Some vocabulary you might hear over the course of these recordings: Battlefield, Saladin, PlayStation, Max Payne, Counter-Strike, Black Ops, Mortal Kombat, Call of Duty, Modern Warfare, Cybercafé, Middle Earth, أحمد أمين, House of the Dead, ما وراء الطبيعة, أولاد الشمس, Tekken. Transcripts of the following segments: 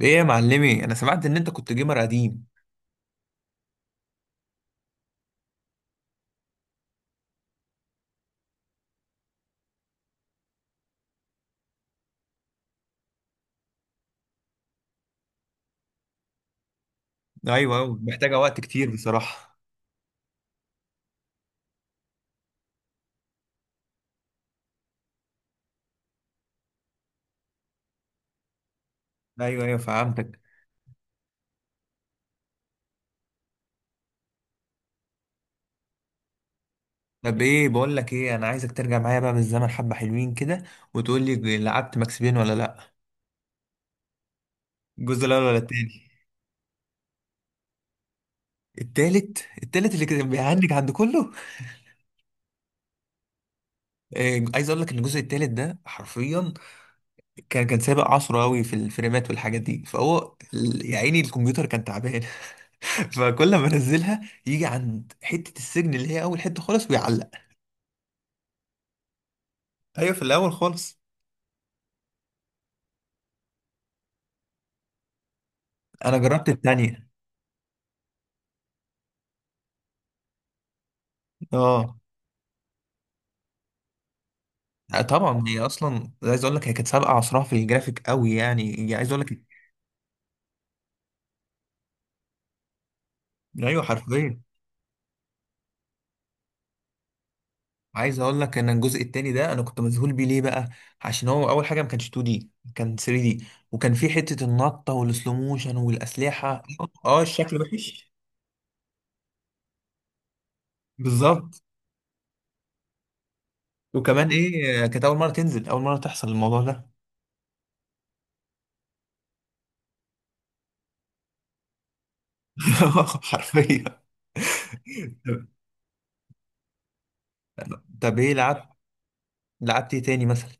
ايه يا معلمي؟ انا سمعت ان انت كنت جيمر قديم. ايوه ايوه، محتاجه وقت كتير بصراحه. ايوه ايوه فهمتك. طب ايه، بقول لك ايه، انا عايزك ترجع معايا بقى بالزمن حبه، حلوين كده، وتقول لي لعبت ماكس بين ولا لا. الجزء الاول ولا التاني؟ التالت التالت اللي كان بيعندك عند كله. إيه، عايز اقول لك ان الجزء التالت ده حرفيا كان سابق عصره قوي في الفريمات والحاجات دي، فهو يا عيني الكمبيوتر كان تعبان. فكل ما انزلها يجي عند حته السجن اللي هي اول حته خالص ويعلق. ايوه في الاول خالص. انا جربت التانية. اه. طبعا هي اصلا، عايز اقول لك، هي كانت سابقه عصرها في الجرافيك قوي، يعني هي، عايز اقول لك. ايوه حرفيا. عايز اقول لك ان الجزء التاني ده انا كنت مذهول بيه. ليه بقى؟ عشان هو اول حاجه ما كانش 2 دي، كان 3 دي. وكان في حته النطه والسلو موشن والاسلحه. اه الشكل وحش. بالظبط. وكمان ايه، كانت اول مره تنزل، اول مره تحصل الموضوع ده. حرفيا. طب ايه لعبت؟ لعبت ايه تاني مثلا؟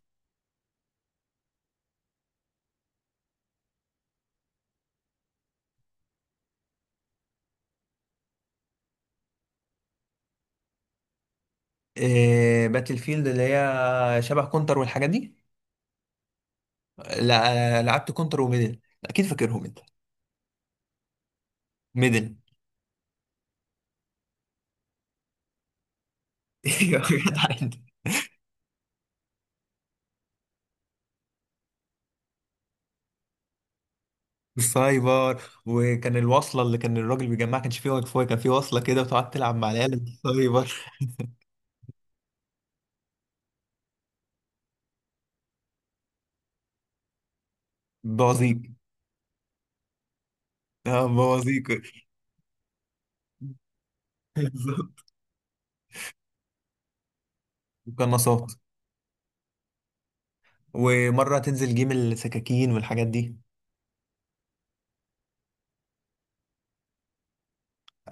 إيه، باتل فيلد اللي هي شبه كونتر والحاجات دي. لا. لعبت كونتر وميدل اكيد، فاكرهم انت؟ ميدل. يا جدع انت. السايبر، وكان الوصله اللي كان الراجل بيجمعها، كانش فيه واي فاي، كان فيه وصله كده وتقعد تلعب مع العيال في السايبر. بوازيك. اه بوازيك بالظبط. وقناصات. ومره تنزل جيم السكاكين والحاجات دي.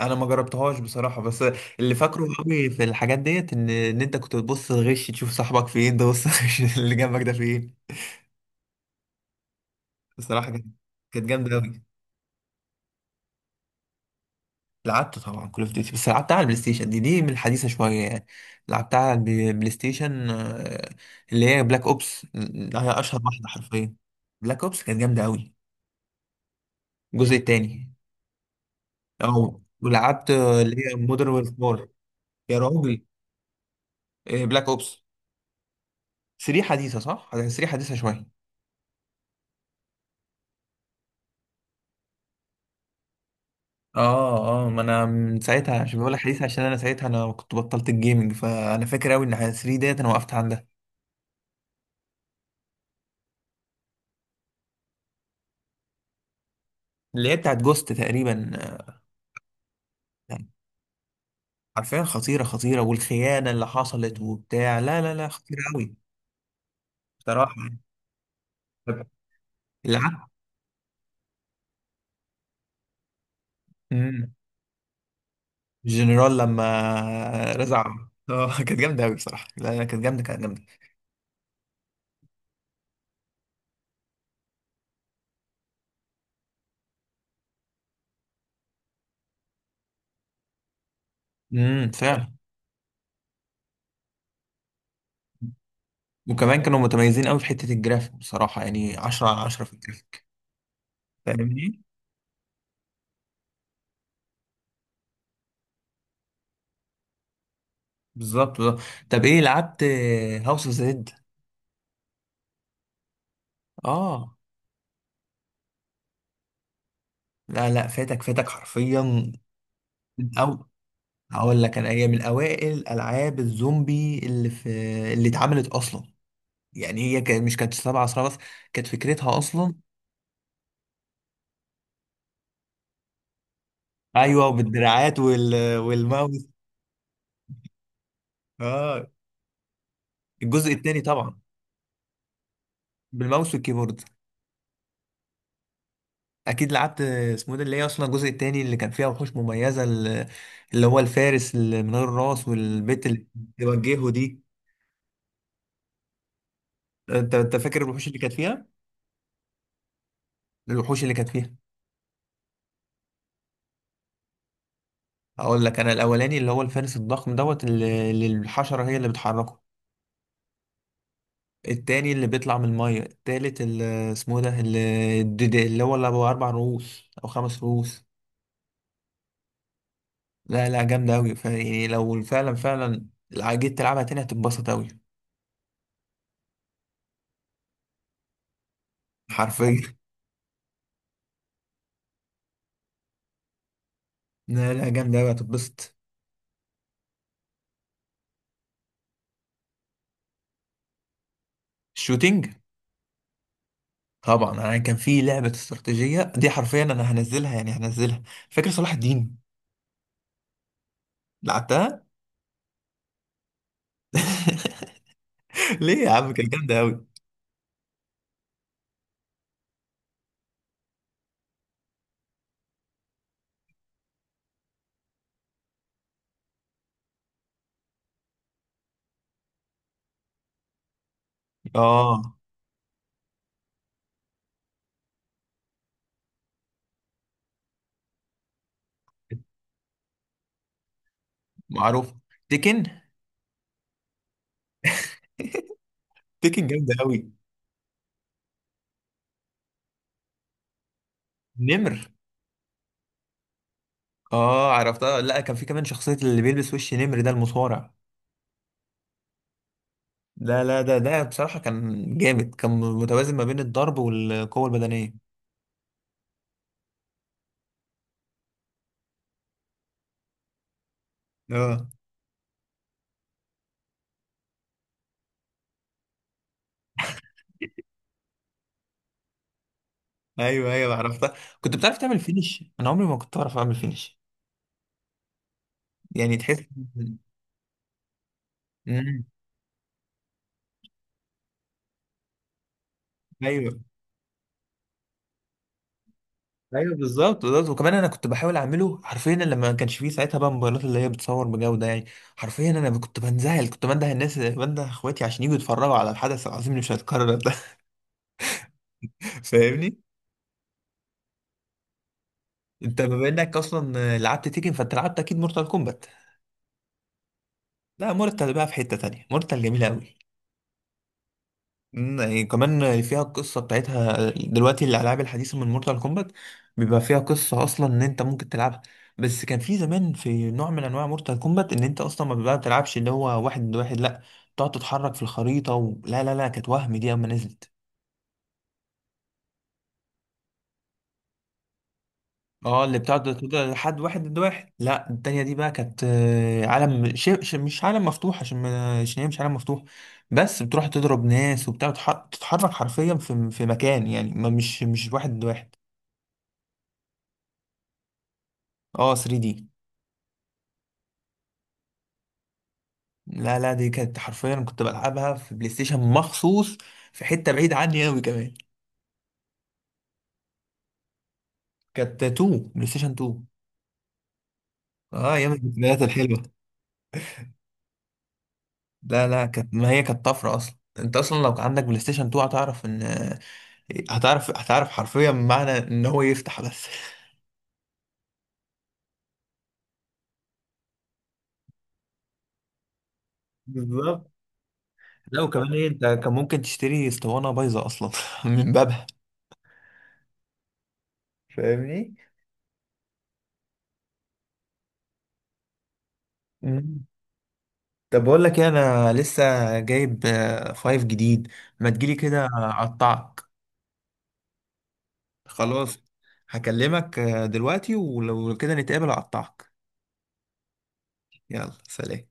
انا ما جربتهاش بصراحه، بس اللي فاكره قوي في الحاجات ديت ان انت كنت بتبص الغش تشوف صاحبك فين، تبص الغش اللي جنبك ده فين. بصراحه كانت. كانت جامده قوي. لعبت طبعا كول اوف ديوتي بس لعبتها على البلاي ستيشن دي من الحديثه شويه يعني. لعبتها على البلاي ستيشن، اللي هي بلاك اوبس. هي اشهر واحده حرفيا. بلاك اوبس كانت جامده قوي. الجزء التاني. اه ولعبت، اللي هي مودرن وورفير. يا راجل. بلاك اوبس 3 حديثه صح؟ 3 حديثه شويه. اه اه، ما انا من ساعتها، عشان بقول لك حديثه، عشان انا ساعتها انا كنت بطلت الجيمنج، فانا فاكر قوي ان 3 ديت انا وقفت عندها. اللي هي بتاعت جوست تقريبا. حرفيا خطيرة خطيرة، والخيانة اللي حصلت وبتاع، لا لا لا خطيرة أوي. بصراحة. طب. العب. مم. الجنرال لما رزع. اه كانت جامدة أوي بصراحة. لا لا، كانت جامدة، كانت جامدة. فعلا. وكمان كانوا متميزين أوي في حتة الجرافيك بصراحة، يعني 10 على 10 في الجرافيك. فاهمني؟ بالظبط بالظبط. طب إيه لعبت هاوس اوف زد؟ اه. لا لا، فاتك فاتك حرفيا. أو هقول لك انا، هي من اوائل العاب الزومبي اللي في، اللي اتعملت اصلا. يعني هي كان مش كانت سبع عصا بس، كانت فكرتها اصلا. ايوه وبالدراعات وال... والماوس. اه الجزء الثاني طبعا. بالماوس والكيبورد. اكيد لعبت اسمه ده اللي هي اصلا الجزء الثاني اللي كان فيها وحوش مميزه اللي هو الفارس اللي من غير راس، والبيت اللي بيوجهه دي. انت فاكر الوحوش اللي كانت فيها؟ الوحوش اللي كانت فيها. اقول لك انا، الاولاني اللي هو الفارس الضخم دوت اللي الحشره هي اللي بتحركه. التاني اللي بيطلع من المية. التالت اللي اسمه ده اللي اللي هو اللي أبو أربع رؤوس أو خمس رؤوس. لا لا جامدة أوي، فيعني لو فعلا فعلا جيت تلعبها تاني هتتبسط أوي. حرفيا. لا لا جامدة أوي هتتبسط. الشوتينج. طبعا أنا كان في لعبة استراتيجية دي، حرفيا أنا هنزلها، يعني هنزلها. فاكر صلاح الدين؟ لعبتها. ليه يا عم؟ كانت جامدة أوي. آه معروف. تيكن. تيكن جامدة أوي. نمر. اه عرفتها، لا كان في كمان شخصية اللي بيلبس وش نمر ده، المصارع. لا لا، ده بصراحة كان جامد، كان متوازن ما بين الضرب والقوة البدنية. اه ايوه ايوه عرفتها. كنت بتعرف تعمل فينش؟ انا عمري ما كنت اعرف اعمل فينش. يعني تحس مم. ايوه ايوه بالظبط بالظبط. وكمان انا كنت بحاول اعمله حرفيا، لما ما كانش فيه ساعتها بقى موبايلات اللي هي بتصور بجودة يعني. حرفيا انا كنت بنزعل، كنت بنده الناس، بنده اخواتي عشان يجوا يتفرجوا على الحدث العظيم اللي مش هيتكرر ده. فاهمني. انت بما انك اصلا لعبت تيكن، فانت لعبت اكيد مورتال كومبات. لا مورتال بقى في حتة تانية، مورتال جميلة قوي. مم، يعني كمان فيها القصة بتاعتها. دلوقتي الالعاب الحديثة من مورتال كومبات بيبقى فيها قصة، اصلا ان انت ممكن تلعبها. بس كان في زمان في نوع من انواع مورتال كومبات ان انت اصلا ما بقى بتلعبش اللي هو واحد ضد واحد، لا تقعد تتحرك في الخريطة و... لا لا لا كانت وهم دي اما نزلت. اه اللي بتاعت ده لحد واحد ضد واحد، لا التانية دي بقى كانت، عالم ش... ش... مش عالم مفتوح، عشان عشان هي مش عالم مفتوح. بس بتروح تضرب ناس وبتاع تتحرك حرفيا في مكان، يعني ما مش واحد ضد واحد. اه 3 دي. لا لا دي كانت حرفيا كنت بلعبها في بلاي ستيشن مخصوص، في حتة بعيد عني قوي كمان. كانت 2 بلاي ستيشن 2. اه ايام الذكريات الحلوة. لا لا كانت، ما هي كانت طفرة اصلا، انت اصلا لو كان عندك بلاي ستيشن 2 هتعرف ان هتعرف حرفيا معنى ان هو يفتح بس. بالظبط. لا آه. وكمان ايه، انت كان ممكن تشتري اسطوانه بايظه اصلا من بابها. فاهمني. مم. طب بقول لك ايه، انا لسه جايب فايف جديد، ما تجيلي كده اقطعك. خلاص. هكلمك دلوقتي، ولو كده نتقابل اقطعك. يلا سلام.